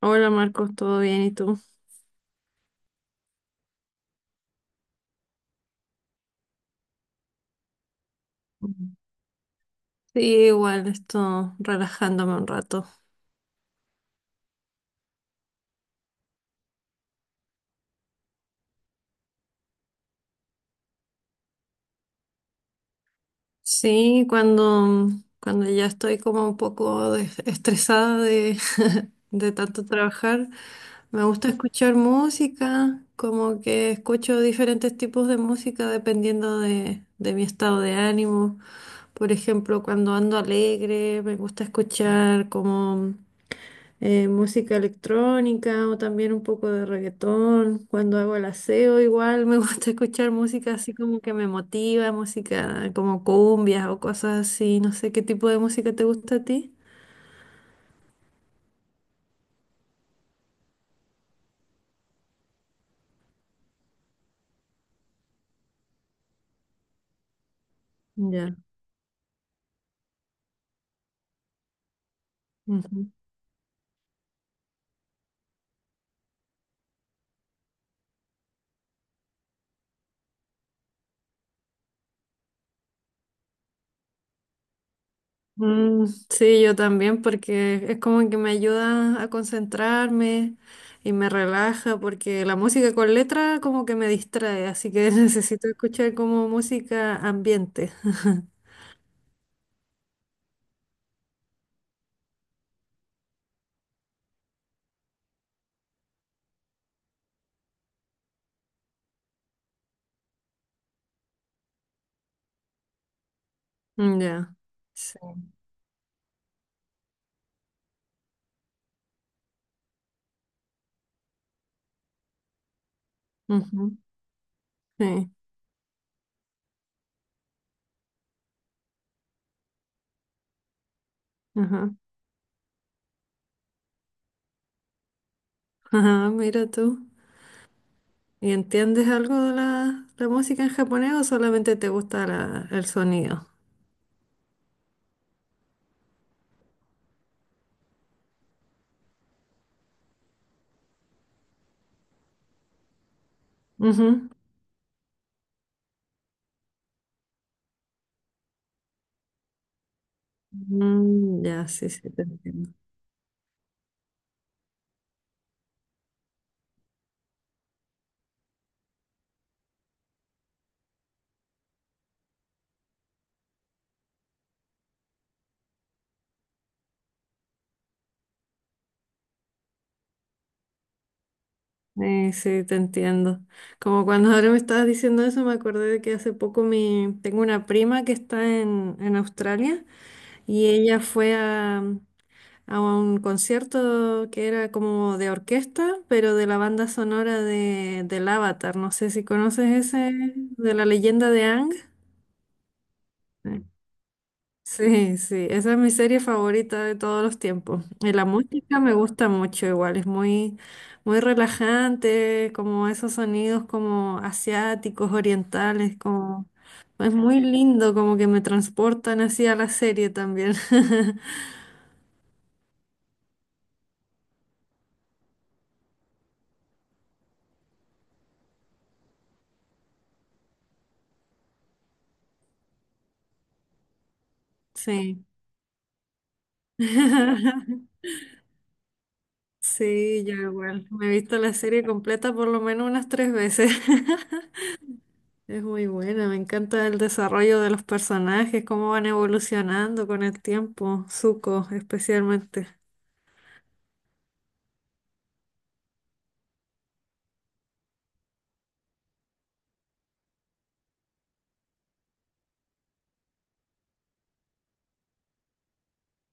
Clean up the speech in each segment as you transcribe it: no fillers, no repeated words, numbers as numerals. Hola Marcos, ¿todo bien? ¿Y tú? Mm. Sí, igual, estoy relajándome un rato. Sí, cuando ya estoy como un poco estresada de tanto trabajar, me gusta escuchar música, como que escucho diferentes tipos de música dependiendo de mi estado de ánimo. Por ejemplo, cuando ando alegre, me gusta escuchar como música electrónica o también un poco de reggaetón. Cuando hago el aseo, igual me gusta escuchar música así como que me motiva, música como cumbias o cosas así. No sé qué tipo de música te gusta a ti. Ya. Ujú. Mm, sí, yo también, porque es como que me ayuda a concentrarme y me relaja, porque la música con letra como que me distrae, así que necesito escuchar como música ambiente. Ya. Sí. Sí, ajá. Ajá, mira tú. ¿Y entiendes algo de la música en japonés o solamente te gusta el sonido? Ujú. Mm, ya, sí, sí, te entiendo. Sí, te entiendo. Como cuando ahora me estabas diciendo eso, me acordé de que hace poco tengo una prima que está en Australia y ella fue a un concierto que era como de orquesta, pero de la banda sonora del Avatar. No sé si conoces ese, de la leyenda de Ang. Sí, sí, sí, esa es mi serie favorita de todos los tiempos. Y la música me gusta mucho igual, es muy, muy relajante, como esos sonidos como asiáticos, orientales, como es muy lindo, como que me transportan así a la serie también. Sí. Sí, yo igual. Me he visto la serie completa por lo menos unas tres veces. Es muy buena, me encanta el desarrollo de los personajes, cómo van evolucionando con el tiempo, Zuko especialmente.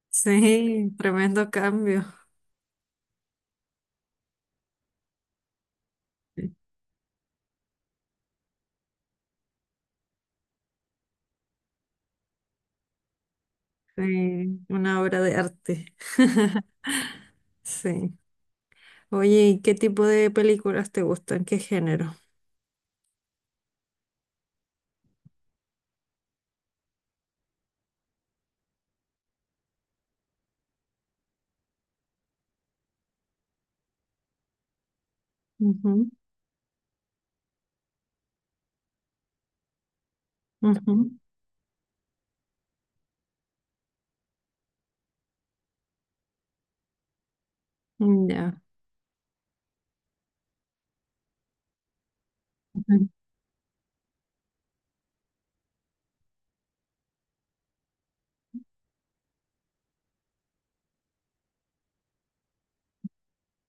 Sí, tremendo cambio. Sí, una obra de arte. Sí. Oye, ¿y qué tipo de películas te gustan? ¿Qué género? Ujú, ujú, mm, ya. Ujú,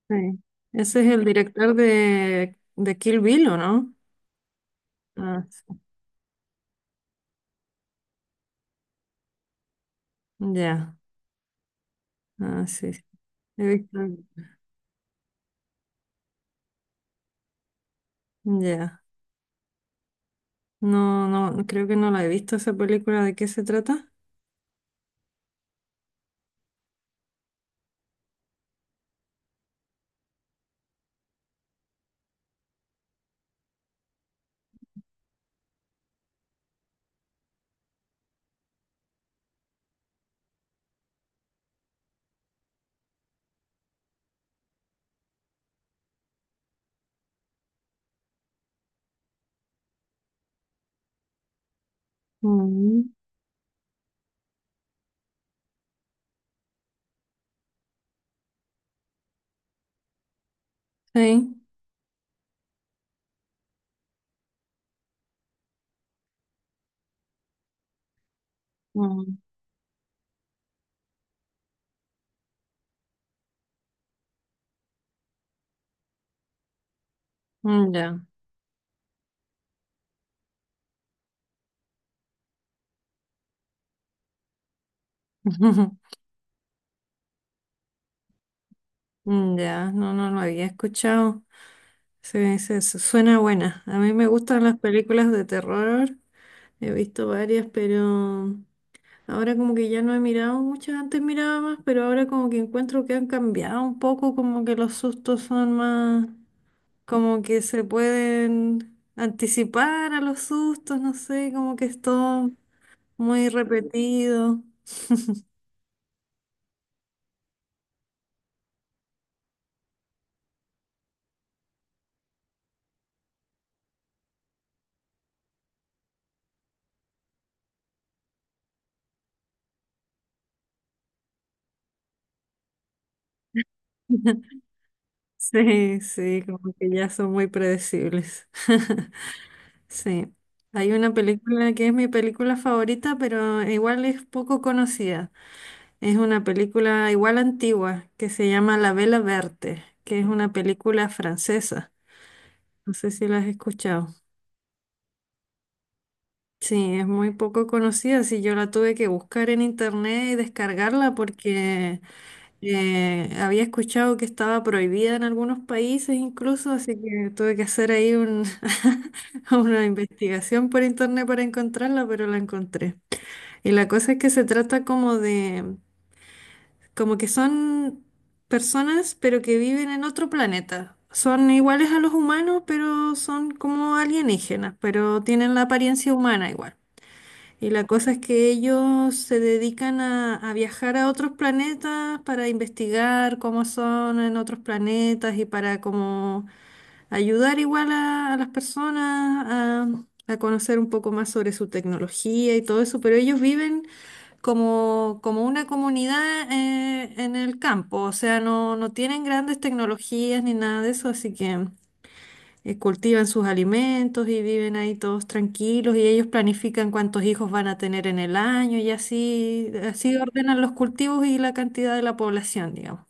sí. Ese es el director de Kill Bill, ¿o no? Ah, ya, ah, sí. Sí. He visto. Ya. No, no, creo que no la he visto esa película. ¿De qué se trata? Mm. Sí. Mm, mm, ya. Mm, ya, no, no lo había escuchado. Sí, sí, suena buena. A mí me gustan las películas de terror. He visto varias, pero ahora como que ya no he mirado muchas, antes miraba más, pero ahora como que encuentro que han cambiado un poco, como que los sustos son más, como que se pueden anticipar a los sustos, no sé, como que es todo muy repetido. Sí, sí, como que ya son muy predecibles. Sí. Hay una película que es mi película favorita, pero igual es poco conocida. Es una película igual antigua que se llama La Vela Verte, que es una película francesa. No sé si la has escuchado. Sí, es muy poco conocida. Sí, yo la tuve que buscar en internet y descargarla porque había escuchado que estaba prohibida en algunos países incluso, así que tuve que hacer ahí una investigación por internet para encontrarla, pero la encontré. Y la cosa es que se trata como de, como que son personas, pero que viven en otro planeta. Son iguales a los humanos, pero son como alienígenas, pero tienen la apariencia humana igual. Y la cosa es que ellos se dedican a viajar a otros planetas para investigar cómo son en otros planetas y para como ayudar igual a las personas a conocer un poco más sobre su tecnología y todo eso, pero ellos viven como una comunidad en el campo, o sea, no, no tienen grandes tecnologías ni nada de eso, así que cultivan sus alimentos y viven ahí todos tranquilos y ellos planifican cuántos hijos van a tener en el año y así, así ordenan los cultivos y la cantidad de la población, digamos.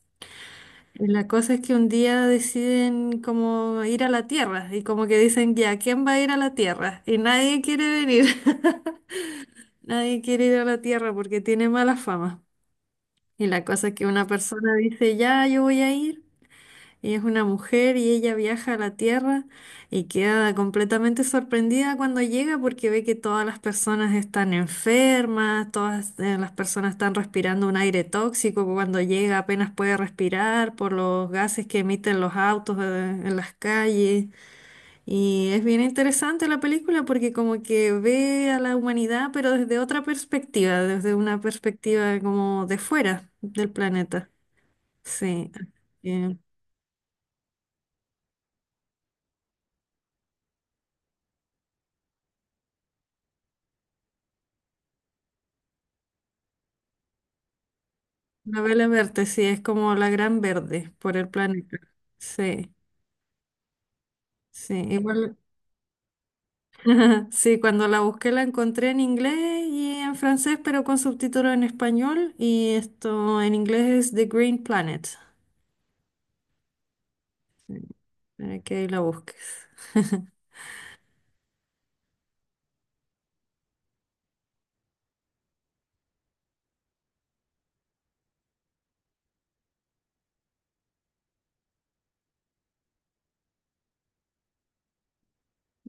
Y la cosa es que un día deciden como ir a la tierra y como que dicen, ya, ¿quién va a ir a la tierra? Y nadie quiere venir. Nadie quiere ir a la tierra porque tiene mala fama. Y la cosa es que una persona dice, ya, yo voy a ir, y es una mujer y ella viaja a la Tierra y queda completamente sorprendida cuando llega porque ve que todas las personas están enfermas, todas las personas están respirando un aire tóxico, que cuando llega apenas puede respirar por los gases que emiten los autos en las calles. Y es bien interesante la película porque como que ve a la humanidad, pero desde otra perspectiva, desde una perspectiva como de fuera del planeta. Sí, eh, novela verde, sí, es como la gran verde por el planeta. Sí, sí, igual, sí, cuando la busqué la encontré en inglés y en francés, pero con subtítulos en español y esto en inglés es The Green Planet, para que ahí la busques.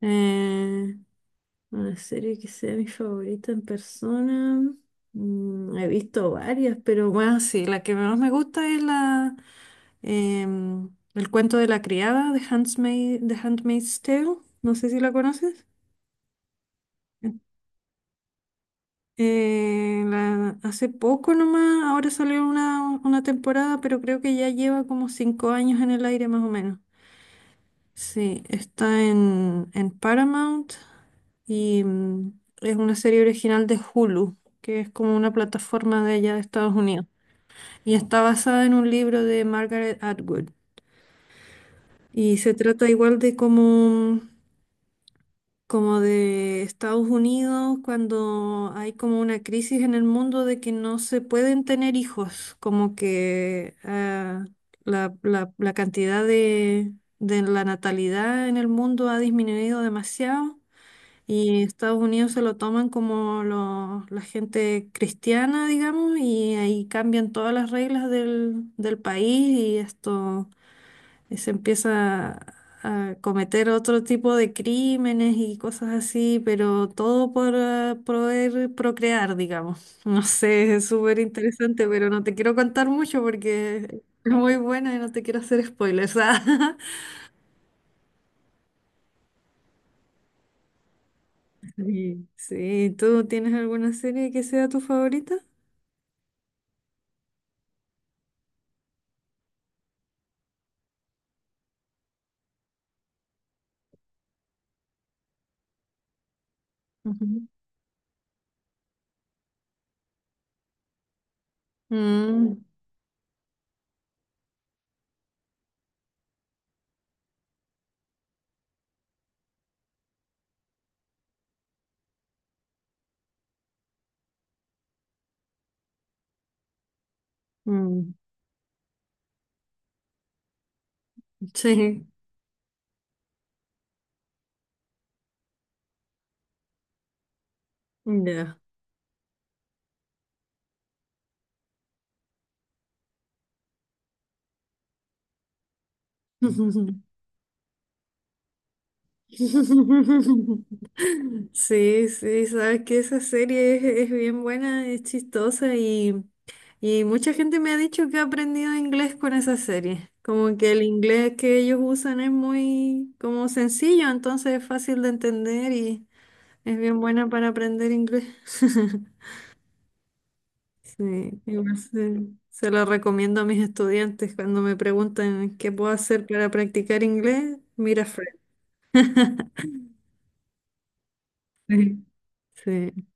Eh, una serie que sea mi favorita en persona. Mm, he visto varias, pero bueno, sí, la que menos me gusta es la... El cuento de la criada de Handmaid, The Handmaid's Tale, no sé si la conoces. Hace poco nomás, ahora salió una temporada, pero creo que ya lleva como 5 años en el aire más o menos. Sí, está en Paramount y es una serie original de Hulu, que es como una plataforma de allá de Estados Unidos. Y está basada en un libro de Margaret Atwood. Y se trata igual de como de Estados Unidos, cuando hay como una crisis en el mundo de que no se pueden tener hijos, como que la cantidad de la natalidad en el mundo ha disminuido demasiado y Estados Unidos se lo toman como la gente cristiana, digamos, y ahí cambian todas las reglas del país y esto y se empieza a cometer otro tipo de crímenes y cosas así, pero todo por poder procrear, digamos. No sé, es súper interesante, pero no te quiero contar mucho porque es muy buena y no te quiero hacer spoilers. Ah. Sí, sí, ¿tú tienes alguna serie que sea tu favorita? Ujú. Mm, mm, sí, ya. Sí, sí, sabes que esa serie es bien buena, es chistosa y mucha gente me ha dicho que ha aprendido inglés con esa serie. Como que el inglés que ellos usan es muy como sencillo, entonces es fácil de entender y es bien buena para aprender inglés. Sí, igual se lo recomiendo a mis estudiantes cuando me preguntan qué puedo hacer para practicar inglés, mira Friends. Sí. Sí.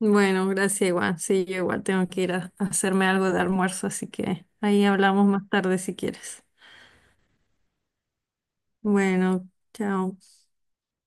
Bueno, gracias igual. Sí, yo igual tengo que ir a hacerme algo de almuerzo, así que ahí hablamos más tarde si quieres. Bueno, chao.